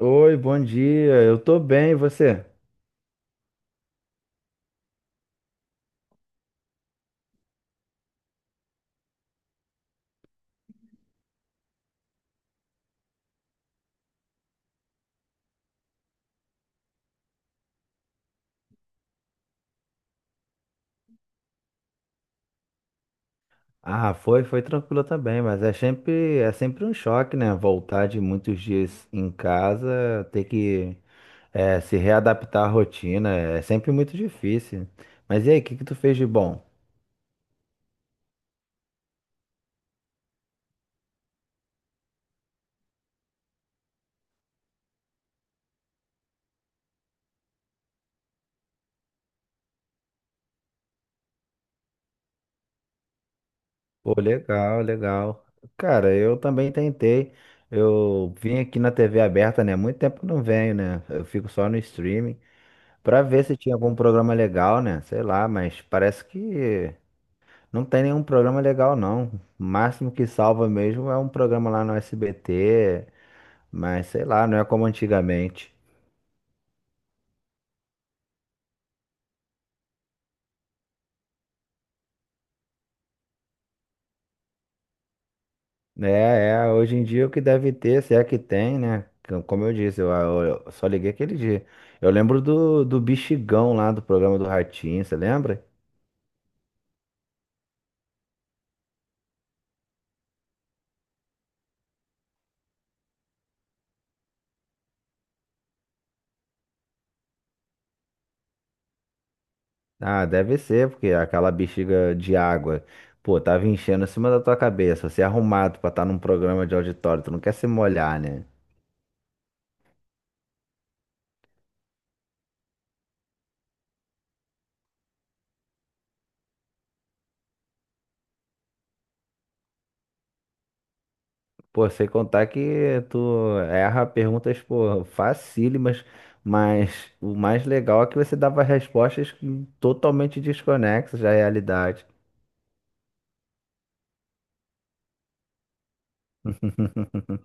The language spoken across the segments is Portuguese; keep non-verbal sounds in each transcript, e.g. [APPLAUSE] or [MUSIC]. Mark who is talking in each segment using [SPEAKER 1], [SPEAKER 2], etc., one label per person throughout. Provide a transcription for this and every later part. [SPEAKER 1] Oi, bom dia. Eu tô bem, e você? Ah, foi, foi tranquilo também, mas é sempre um choque, né? Voltar de muitos dias em casa, ter que se readaptar à rotina, é sempre muito difícil. Mas e aí, o que que tu fez de bom? Pô, legal, legal. Cara, eu também tentei. Eu vim aqui na TV aberta, né? Muito tempo eu não venho, né? Eu fico só no streaming pra ver se tinha algum programa legal, né? Sei lá, mas parece que não tem nenhum programa legal, não. O máximo que salva mesmo é um programa lá no SBT, mas sei lá, não é como antigamente. É, é, hoje em dia o que deve ter, se é que tem, né? Como eu disse, eu só liguei aquele dia. Eu lembro do bexigão lá do programa do Ratinho, você lembra? Ah, deve ser, porque aquela bexiga de água, pô, tava enchendo em cima da tua cabeça. Você é arrumado pra estar num programa de auditório, tu não quer se molhar, né? Pô, sem contar que tu erra perguntas, pô, facílimas, mas o mais legal é que você dava respostas totalmente desconexas da realidade. [LAUGHS]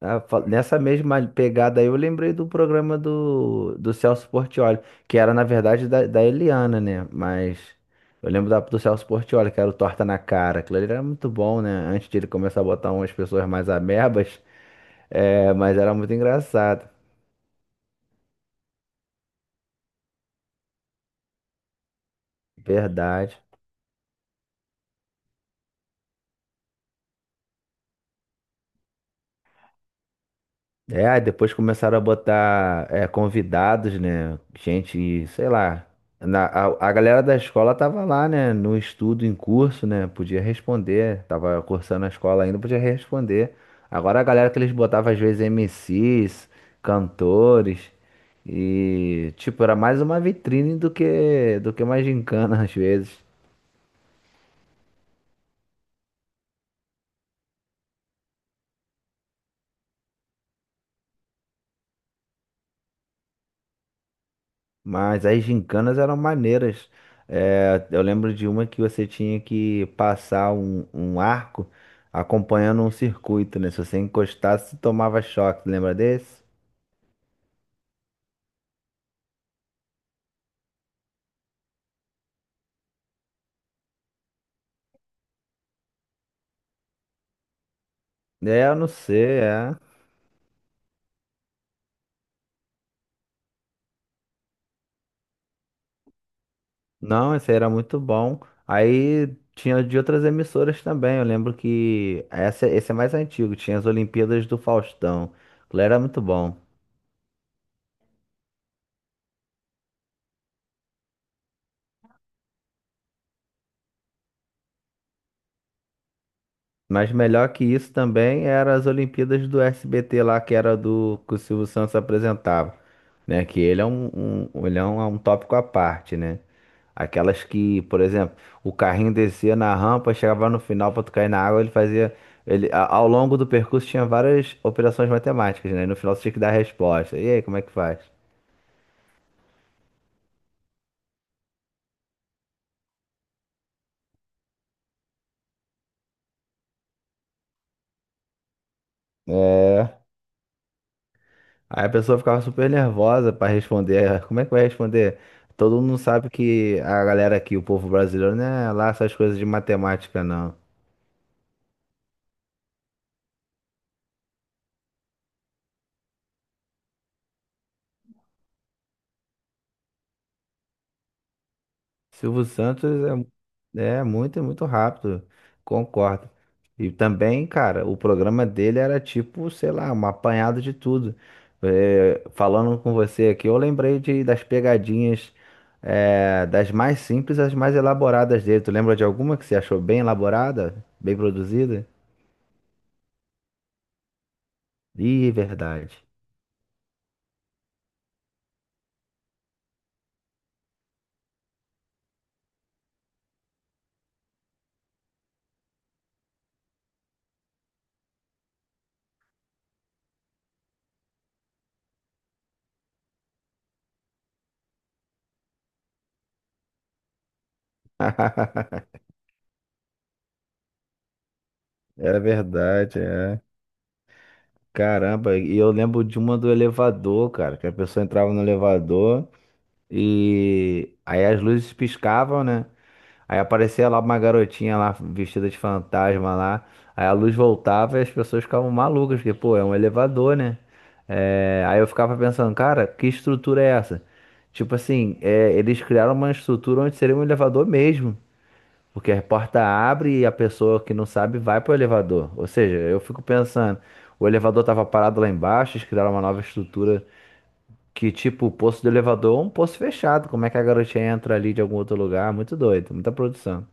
[SPEAKER 1] Nessa mesma pegada aí, eu lembrei do programa do Celso Portiolli, que era, na verdade, da Eliana, né? Mas eu lembro do Celso Portiolli, que era o Torta na Cara. Aquilo ali era muito bom, né? Antes de ele começar a botar umas pessoas mais amebas, é, mas era muito engraçado. Verdade. É, aí depois começaram a botar convidados, né? Gente, sei lá. A galera da escola tava lá, né? No estudo, em curso, né? Podia responder. Tava cursando a escola ainda, podia responder. Agora a galera que eles botavam, às vezes, MCs, cantores. E, tipo, era mais uma vitrine do que uma gincana, [LAUGHS] às vezes. Mas as gincanas eram maneiras. É, eu lembro de uma que você tinha que passar um arco acompanhando um circuito, né? Se você encostasse, tomava choque. Lembra desse? É, eu não sei, é. Não, esse aí era muito bom. Aí tinha de outras emissoras também. Eu lembro que esse é mais antigo. Tinha as Olimpíadas do Faustão. Aquilo era muito bom. Mas melhor que isso também era as Olimpíadas do SBT lá, que era do que o Silvio Santos apresentava, né? Que ele é um, um tópico à parte, né? Aquelas que, por exemplo, o carrinho descia na rampa, chegava no final para tu cair na água, ele fazia. Ele, ao longo do percurso tinha várias operações matemáticas, né? E no final você tinha que dar a resposta. E aí, como é que faz? é Aí a pessoa ficava super nervosa pra responder. "Ah, como é que vai responder? Todo mundo sabe que a galera aqui, o povo brasileiro, não é lá essas coisas de matemática, não." Silvio Santos é, é muito, muito rápido, concordo. E também, cara, o programa dele era tipo, sei lá, um apanhado de tudo. É, falando com você aqui, eu lembrei de, das pegadinhas, é, das mais simples às mais elaboradas dele. Tu lembra de alguma que você achou bem elaborada, bem produzida? Ih, verdade. [LAUGHS] Era verdade, é. Caramba, e eu lembro de uma do elevador, cara, que a pessoa entrava no elevador e aí as luzes piscavam, né? Aí aparecia lá uma garotinha lá vestida de fantasma lá. Aí a luz voltava e as pessoas ficavam malucas, porque, pô, é um elevador, né? É, aí eu ficava pensando, cara, que estrutura é essa? Tipo assim, é, eles criaram uma estrutura onde seria um elevador mesmo. Porque a porta abre e a pessoa que não sabe vai pro elevador. Ou seja, eu fico pensando, o elevador tava parado lá embaixo, eles criaram uma nova estrutura que, tipo, o poço do elevador é um poço fechado. Como é que a garotinha entra ali de algum outro lugar? Muito doido, muita produção.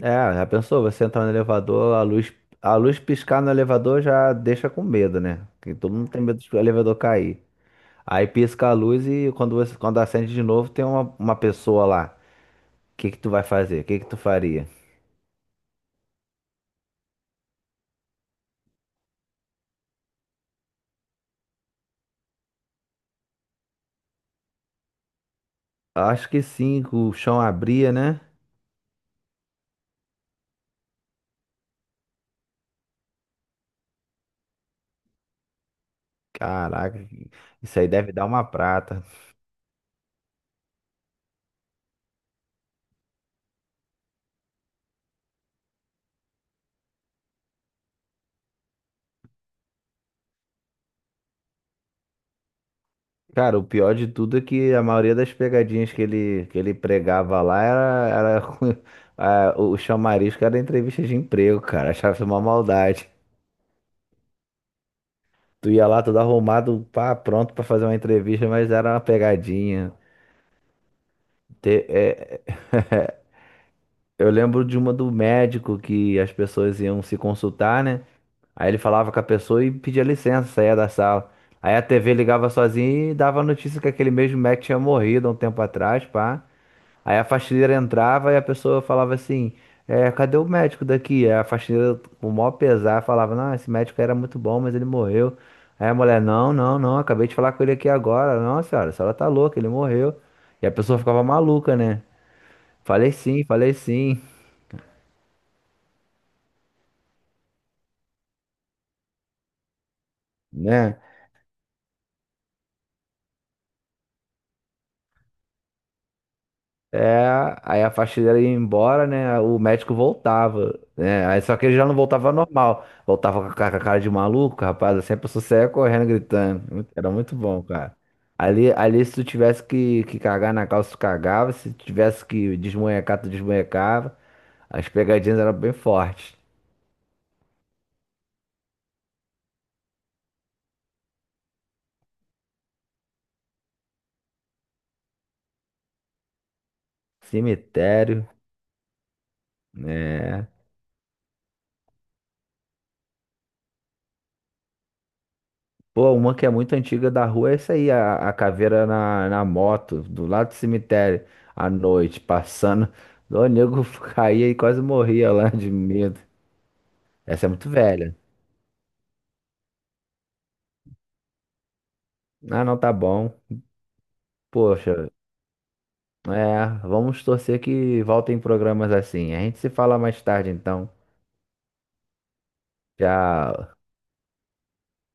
[SPEAKER 1] É, já pensou? Você entrar no elevador, a luz piscar no elevador já deixa com medo, né? Porque todo mundo tem medo de o elevador cair. Aí pisca a luz e quando acende de novo tem uma pessoa lá. O que que tu vai fazer? O que que tu faria? Acho que sim, que o chão abria, né? Caraca, isso aí deve dar uma prata. Cara, o pior de tudo é que a maioria das pegadinhas que ele pregava lá era [LAUGHS] o chamarisco era entrevista de emprego, cara. Achava isso uma maldade. Tu ia lá todo arrumado, pá, pronto pra fazer uma entrevista, mas era uma pegadinha. Te- é- [LAUGHS] Eu lembro de uma do médico que as pessoas iam se consultar, né? Aí ele falava com a pessoa e pedia licença, saía da sala. Aí a TV ligava sozinha e dava a notícia que aquele mesmo médico tinha morrido há um tempo atrás, pá. Aí a faxineira entrava e a pessoa falava assim: cadê o médico daqui? Aí a faxineira, com o maior pesar, falava: não, esse médico era muito bom, mas ele morreu. Aí a mulher: não, não, não, acabei de falar com ele aqui agora. Não, senhora, a senhora tá louca, ele morreu. E a pessoa ficava maluca, né? Falei sim, né? É, aí a faxineira ia embora, né? O médico voltava, né? Aí só que ele já não voltava normal, voltava com a com a cara de maluco, rapaz. Assim a pessoa saía correndo, gritando. Era muito bom, cara. Ali, ali se tu tivesse que cagar na calça, tu cagava. Se tivesse que desmonhecar, tu desmonhecava. As pegadinhas eram bem fortes. Cemitério, né? Pô, uma que é muito antiga da rua é essa aí, a caveira na moto, do lado do cemitério, à noite, passando. O nego [LAUGHS] caía e quase morria lá de medo. Essa é muito velha. Ah, não, tá bom. Poxa, é, vamos torcer que voltem programas assim. A gente se fala mais tarde, então. Já